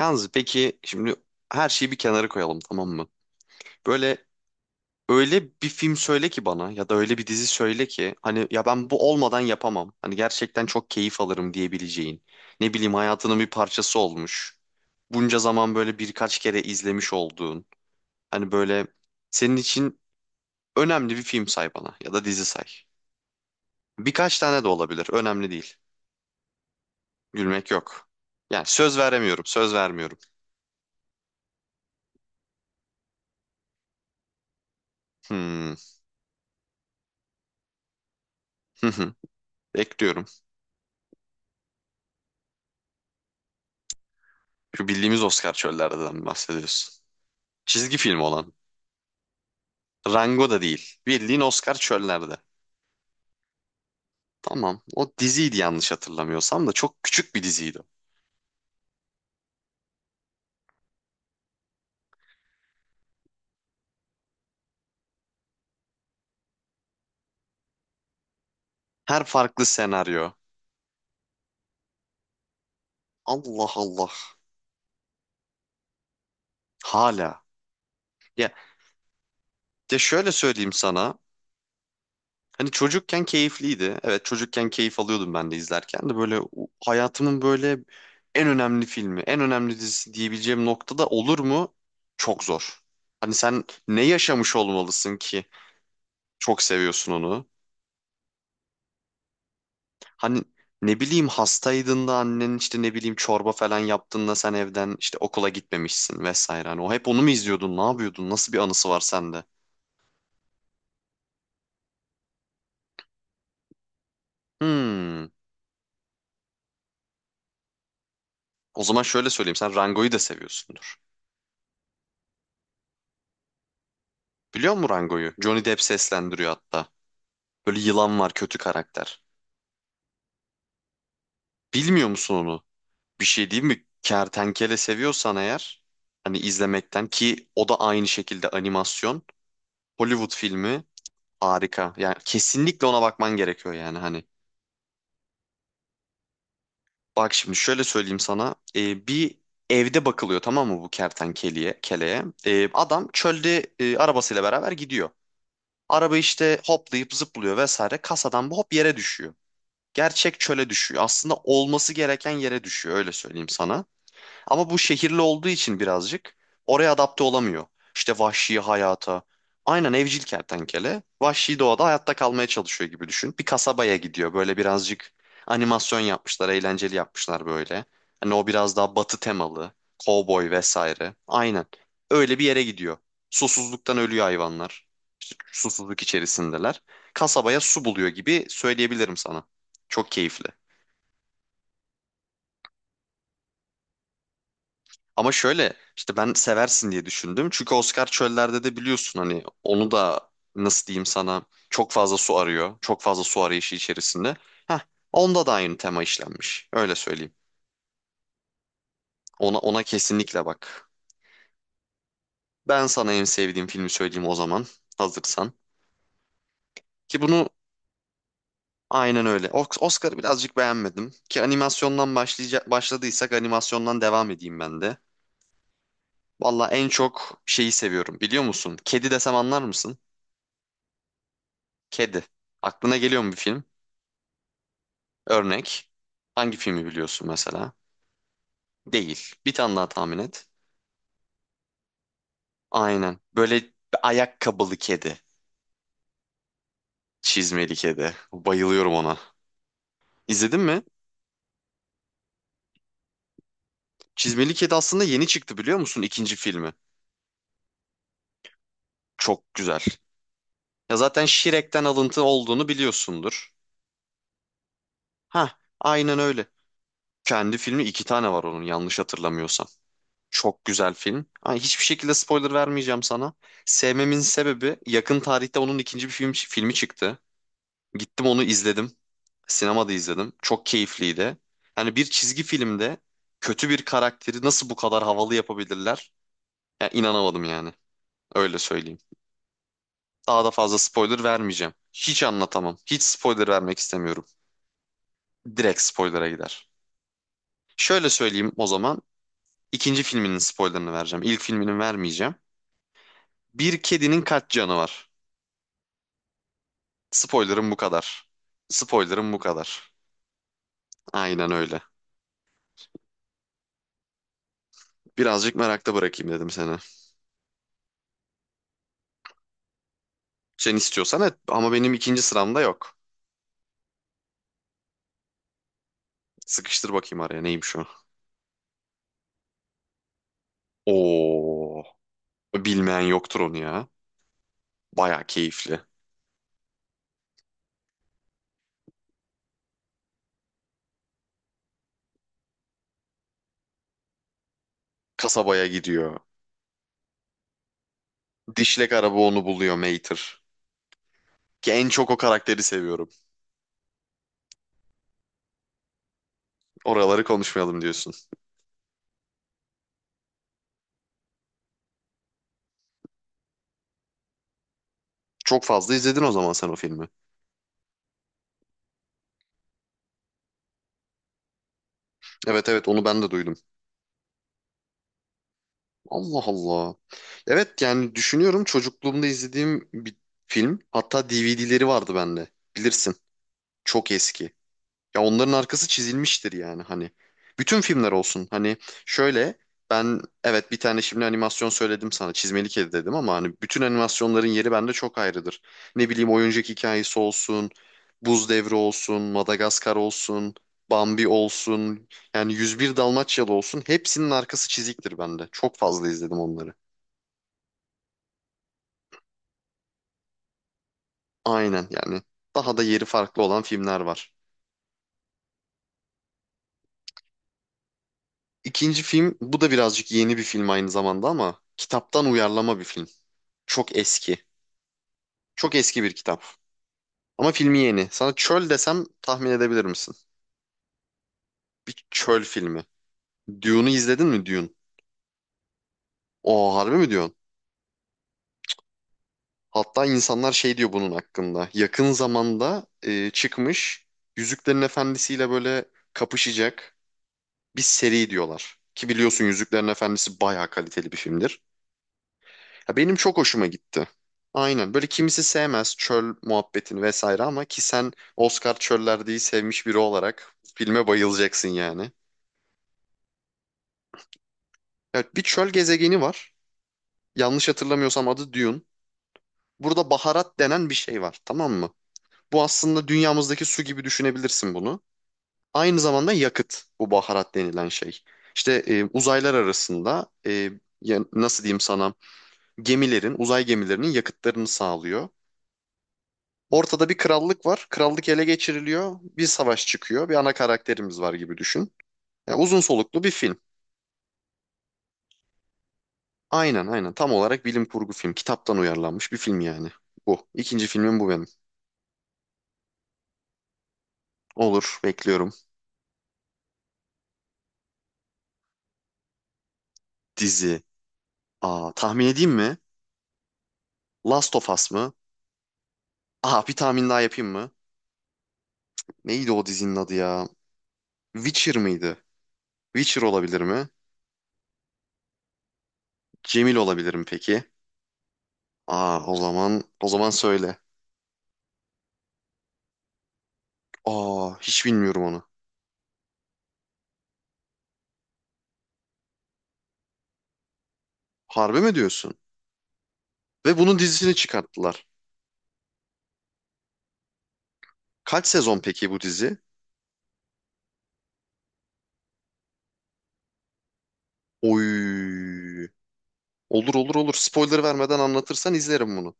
Yalnız peki şimdi her şeyi bir kenara koyalım, tamam mı? Böyle öyle bir film söyle ki bana, ya da öyle bir dizi söyle ki hani ya ben bu olmadan yapamam. Hani gerçekten çok keyif alırım diyebileceğin. Ne bileyim, hayatının bir parçası olmuş. Bunca zaman böyle birkaç kere izlemiş olduğun. Hani böyle senin için önemli bir film say bana, ya da dizi say. Birkaç tane de olabilir, önemli değil. Gülmek yok. Yani söz veremiyorum. Söz vermiyorum. Hmm. Bekliyorum. Şu bildiğimiz Oscar çöllerden bahsediyorsun. Çizgi film olan. Rango da değil. Bildiğin Oscar çöllerde. Tamam. O diziydi yanlış hatırlamıyorsam, da çok küçük bir diziydi. Her farklı senaryo. Allah Allah. Hala. Ya, ya şöyle söyleyeyim sana. Hani çocukken keyifliydi. Evet, çocukken keyif alıyordum ben de, izlerken de böyle hayatımın böyle en önemli filmi, en önemli dizisi diyebileceğim noktada olur mu? Çok zor. Hani sen ne yaşamış olmalısın ki çok seviyorsun onu? Hani ne bileyim, hastaydın da annen işte ne bileyim çorba falan yaptın da sen evden işte okula gitmemişsin vesaire. Hani o hep onu mu izliyordun? Ne yapıyordun? Nasıl bir anısı var sende? Hmm. O zaman şöyle söyleyeyim. Sen Rango'yu da seviyorsundur. Biliyor musun Rango'yu? Johnny Depp seslendiriyor hatta. Böyle yılan var, kötü karakter. Bilmiyor musun onu? Bir şey değil mi? Kertenkele seviyorsan eğer, hani izlemekten, ki o da aynı şekilde animasyon. Hollywood filmi, harika. Yani kesinlikle ona bakman gerekiyor yani hani. Bak, şimdi şöyle söyleyeyim sana. Bir evde bakılıyor, tamam mı, bu kertenkeleye? Keleye. Adam çölde arabasıyla beraber gidiyor. Araba işte hoplayıp zıplıyor vesaire. Kasadan bu hop yere düşüyor. Gerçek çöle düşüyor. Aslında olması gereken yere düşüyor, öyle söyleyeyim sana. Ama bu şehirli olduğu için birazcık oraya adapte olamıyor. İşte vahşi hayata. Aynen, evcil kertenkele vahşi doğada hayatta kalmaya çalışıyor gibi düşün. Bir kasabaya gidiyor böyle, birazcık animasyon yapmışlar, eğlenceli yapmışlar böyle. Hani o biraz daha batı temalı, kovboy vesaire. Aynen. Öyle bir yere gidiyor. Susuzluktan ölüyor hayvanlar. İşte susuzluk içerisindeler. Kasabaya su buluyor gibi söyleyebilirim sana. Çok keyifli. Ama şöyle, işte ben seversin diye düşündüm. Çünkü Oscar çöllerde de biliyorsun, hani onu da nasıl diyeyim sana, çok fazla su arıyor. Çok fazla su arayışı içerisinde. Heh, onda da aynı tema işlenmiş. Öyle söyleyeyim. Ona kesinlikle bak. Ben sana en sevdiğim filmi söyleyeyim o zaman, hazırsan. Ki bunu, aynen öyle. Os- Oscar'ı birazcık beğenmedim. Ki animasyondan başlayacak, başladıysak animasyondan devam edeyim ben de. Valla en çok şeyi seviyorum, biliyor musun? Kedi desem anlar mısın? Kedi. Aklına geliyor mu bir film? Örnek. Hangi filmi biliyorsun mesela? Değil. Bir tane daha tahmin et. Aynen. Böyle bir ayakkabılı kedi. Çizmeli kedi. Bayılıyorum ona. İzledin mi? Çizmeli kedi aslında yeni çıktı, biliyor musun? İkinci filmi. Çok güzel. Ya zaten Shrek'ten alıntı olduğunu biliyorsundur. Ha, aynen öyle. Kendi filmi iki tane var onun, yanlış hatırlamıyorsam. Çok güzel film. Ama hiçbir şekilde spoiler vermeyeceğim sana. Sevmemin sebebi, yakın tarihte onun ikinci bir filmi çıktı. Gittim onu izledim. Sinemada izledim. Çok keyifliydi. Hani bir çizgi filmde kötü bir karakteri nasıl bu kadar havalı yapabilirler? Ya inanamadım yani. Öyle söyleyeyim. Daha da fazla spoiler vermeyeceğim. Hiç anlatamam. Hiç spoiler vermek istemiyorum. Direkt spoilera gider. Şöyle söyleyeyim o zaman. İkinci filminin spoilerını vereceğim. İlk filminin vermeyeceğim. Bir kedinin kaç canı var? Spoiler'ım bu kadar. Spoiler'ım bu kadar. Aynen öyle. Birazcık merakta bırakayım dedim seni. Sen istiyorsan et ama benim ikinci sıramda yok. Sıkıştır bakayım araya neymiş o. Oo, bilmeyen yoktur onu ya. Baya keyifli. Kasabaya gidiyor. Dişlek araba onu buluyor, Mater. Ki en çok o karakteri seviyorum. Oraları konuşmayalım diyorsun. Çok fazla izledin o zaman sen o filmi. Evet, evet onu ben de duydum. Allah Allah. Evet, yani düşünüyorum çocukluğumda izlediğim bir film. Hatta DVD'leri vardı bende. Bilirsin. Çok eski. Ya onların arkası çizilmiştir yani hani. Bütün filmler olsun. Hani şöyle, ben evet bir tane şimdi animasyon söyledim sana. Çizmeli Kedi dedim, ama hani bütün animasyonların yeri bende çok ayrıdır. Ne bileyim, oyuncak hikayesi olsun. Buz Devri olsun. Madagaskar olsun. Bambi olsun. Yani 101 Dalmaçyalı olsun. Hepsinin arkası çiziktir bende. Çok fazla izledim onları. Aynen yani, daha da yeri farklı olan filmler var. İkinci film, bu da birazcık yeni bir film aynı zamanda ama kitaptan uyarlama bir film. Çok eski. Çok eski bir kitap. Ama filmi yeni. Sana çöl desem tahmin edebilir misin? Bir çöl filmi. Dune'u izledin mi, Dune? O harbi mi diyorsun? Hatta insanlar şey diyor bunun hakkında. Yakın zamanda çıkmış Yüzüklerin Efendisi'yle böyle kapışacak bir seri diyorlar. Ki biliyorsun, Yüzüklerin Efendisi bayağı kaliteli bir filmdir. Ya benim çok hoşuma gitti. Aynen. Böyle, kimisi sevmez çöl muhabbetini vesaire, ama ki sen Oscar çöllerdeyi sevmiş biri olarak filme bayılacaksın yani. Evet, bir çöl gezegeni var. Yanlış hatırlamıyorsam adı Dune. Burada baharat denen bir şey var, tamam mı? Bu aslında dünyamızdaki su gibi düşünebilirsin bunu. Aynı zamanda yakıt bu baharat denilen şey. İşte uzaylar arasında nasıl diyeyim sana, gemilerin, uzay gemilerinin yakıtlarını sağlıyor. Ortada bir krallık var. Krallık ele geçiriliyor. Bir savaş çıkıyor. Bir ana karakterimiz var gibi düşün. Ya uzun soluklu bir film. Aynen aynen. Tam olarak bilim kurgu film. Kitaptan uyarlanmış bir film yani. Bu. İkinci filmim bu benim. Olur. Bekliyorum. Dizi. Aa, tahmin edeyim mi? Last of Us mı? Aa, bir tahmin daha yapayım mı? Neydi o dizinin adı ya? Witcher mıydı? Witcher olabilir mi? Cemil olabilir mi peki? Aa, o zaman söyle. Aa, hiç bilmiyorum onu. Harbi mi diyorsun? Ve bunun dizisini çıkarttılar. Kaç sezon peki bu dizi? Oy. Olur olur olur. Spoiler vermeden anlatırsan izlerim bunu.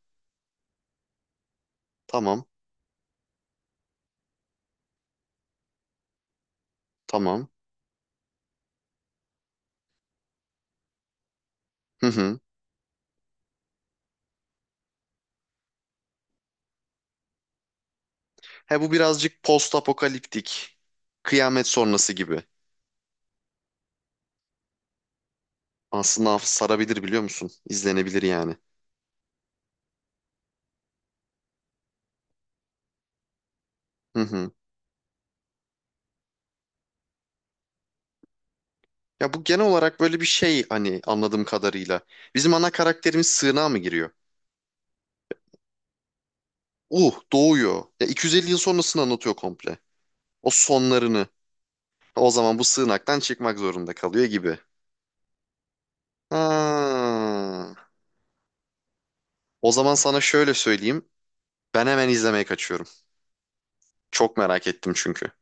Tamam. Tamam. Hı hı. He, bu birazcık post apokaliptik. Kıyamet sonrası gibi. Aslında sarabilir, biliyor musun? İzlenebilir yani. Hı hı. Ya bu genel olarak böyle bir şey hani, anladığım kadarıyla. Bizim ana karakterimiz sığınağa mı giriyor? Doğuyor. Ya 250 yıl sonrasını anlatıyor komple. O sonlarını. O zaman bu sığınaktan çıkmak zorunda kalıyor gibi. Ha. O zaman sana şöyle söyleyeyim. Ben hemen izlemeye kaçıyorum. Çok merak ettim çünkü.